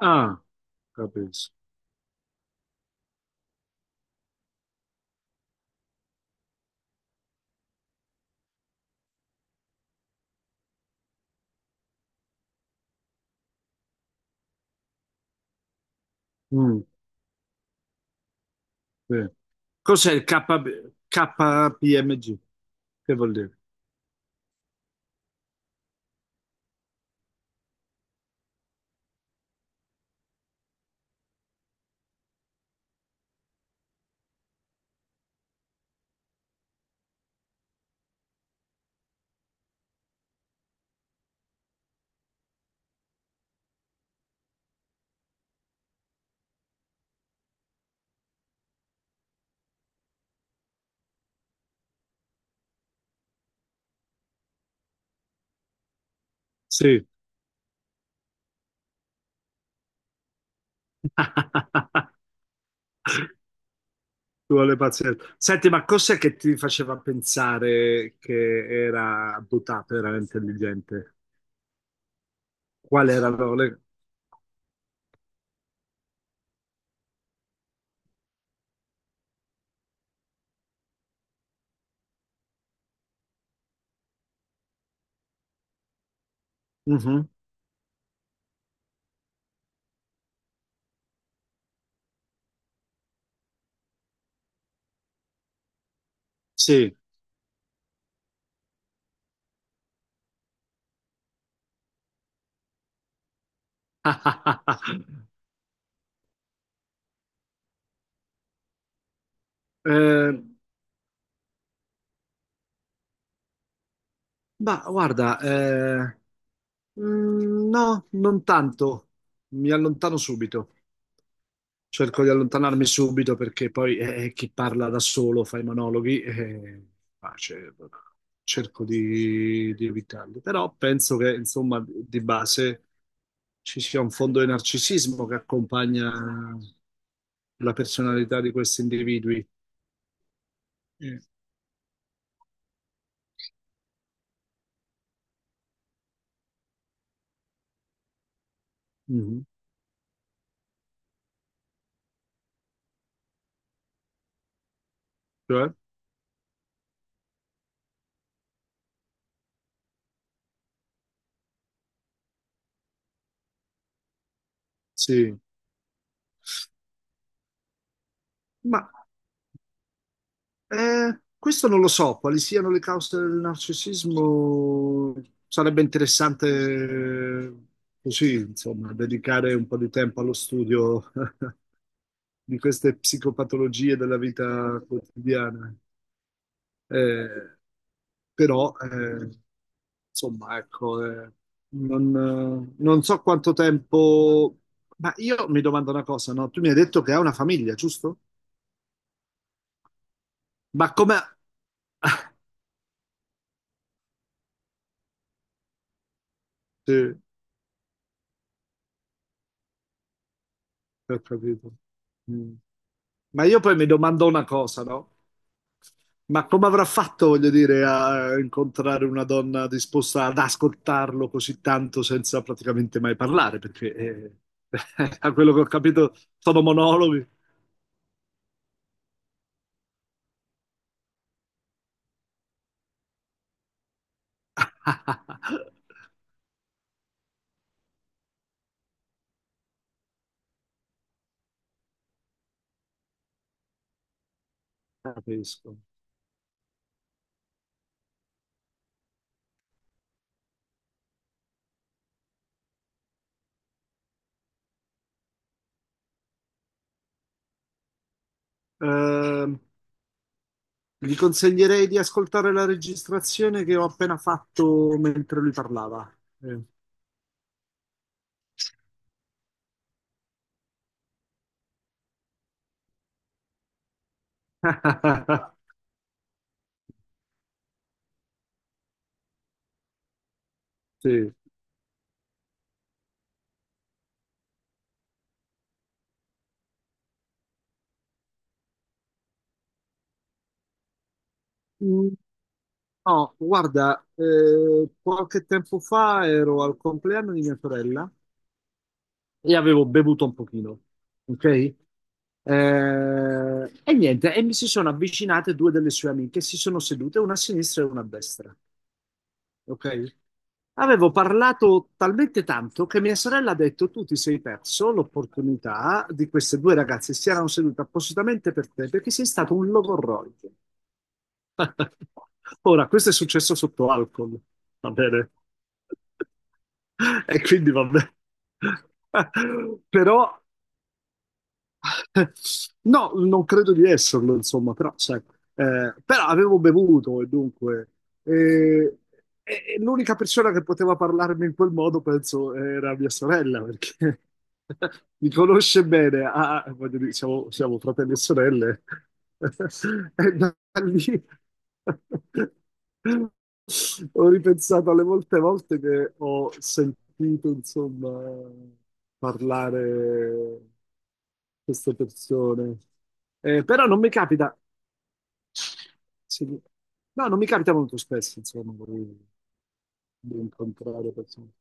Ah, capisco. Mm, sì. Cos'è il KB KPMG? Che vuol dire? Sì. Ci vuole pazienza. Senti, ma cos'è che ti faceva pensare che era dotata, era intelligente? Qual erano le. Mhm, Sì. Eh, ma guarda, no, non tanto. Mi allontano subito. Cerco di allontanarmi subito perché poi chi parla da solo fa i monologhi, ma ce- cerco di evitarli. Però penso che, insomma, di base ci sia un fondo di narcisismo che accompagna la personalità di questi individui. Mm. Mhm. Cioè, sì, ma questo non lo so, quali siano le cause del narcisismo. Sarebbe interessante eh, così, insomma, dedicare un po' di tempo allo studio di queste psicopatologie della vita quotidiana. Eh, però, insomma, ecco, non so quanto tempo. Ma io mi domando una cosa, no? Tu mi hai detto che hai una famiglia, giusto? Ma come. Sì. Ho capito. Mm. Ma io poi mi domando una cosa, no? Ma come avrà fatto, voglio dire, a incontrare una donna disposta ad ascoltarlo così tanto senza praticamente mai parlare? A quello che ho capito, sono monologhi. Capisco. Ehm, gli consiglierei di ascoltare la registrazione che ho appena fatto mentre lui parlava. Eh. Sì. Oh, guarda, qualche tempo fa ero al compleanno di mia sorella e avevo bevuto un pochino, ok? E niente, e mi si sono avvicinate due delle sue amiche, si sono sedute, una a sinistra e una a destra, ok? Avevo parlato talmente tanto che mia sorella ha detto: Tu ti sei perso l'opportunità di queste due ragazze, si erano sedute appositamente per te perché sei stato un logorroico. Ora, questo è successo sotto alcol, va bene? E quindi va bene. Però No, non credo di esserlo, insomma, però, sai, però avevo bevuto e dunque eh, e l'unica persona che poteva parlarmi in quel modo, penso, era mia sorella, perché mi conosce bene, ah, voglio dire, siamo fratelli e sorelle, e da lì Ho ripensato alle molte volte che ho sentito, insomma, parlare queste persone. Però non mi capita, sì, no, non mi capita molto spesso, insomma, di incontrare persone.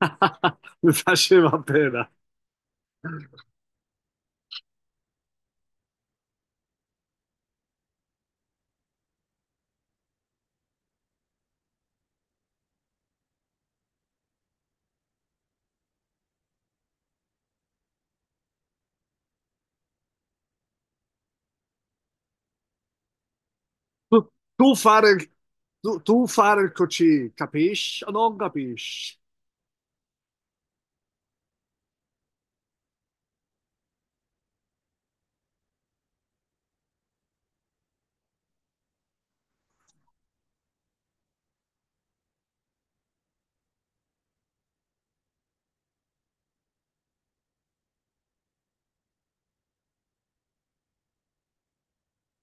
Mi faceva pena. Tu, tu fare, tu fare il così, capisci o non capisci?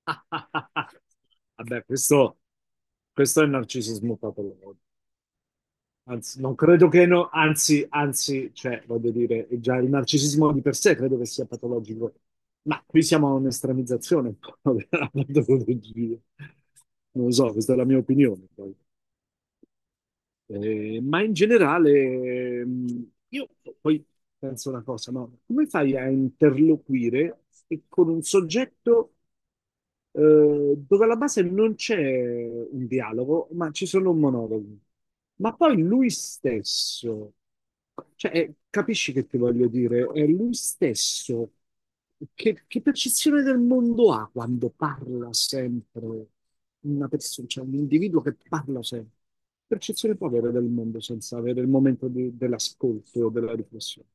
Vabbè, questo è il narcisismo patologico. Anzi, non credo che no, anzi, cioè, voglio dire, è già il narcisismo di per sé credo che sia patologico, ma qui siamo a un'estremizzazione un po' della patologia. Non lo so, questa è la mia opinione. Poi. Ma in generale, io poi penso una cosa, no? Come fai a interloquire e con un soggetto? Dove alla base non c'è un dialogo, ma ci sono monologhi. Ma poi lui stesso, cioè, capisci che ti voglio dire? È lui stesso che percezione del mondo ha quando parla sempre una persona, cioè un individuo che parla sempre? Percezione può avere del mondo senza avere il momento dell'ascolto o della riflessione.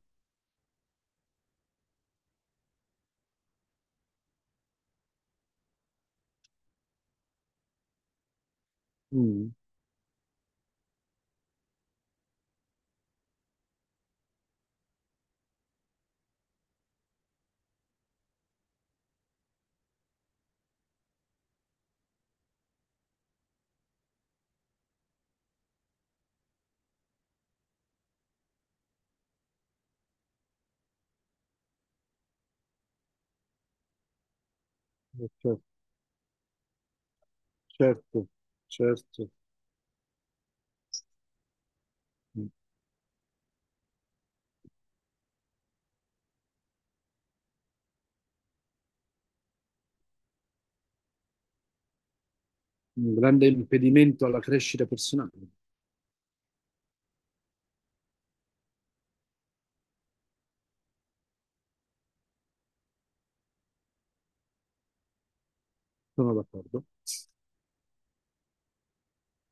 Mm, certo, certo. Certo. Un grande impedimento alla crescita personale. Sono d'accordo.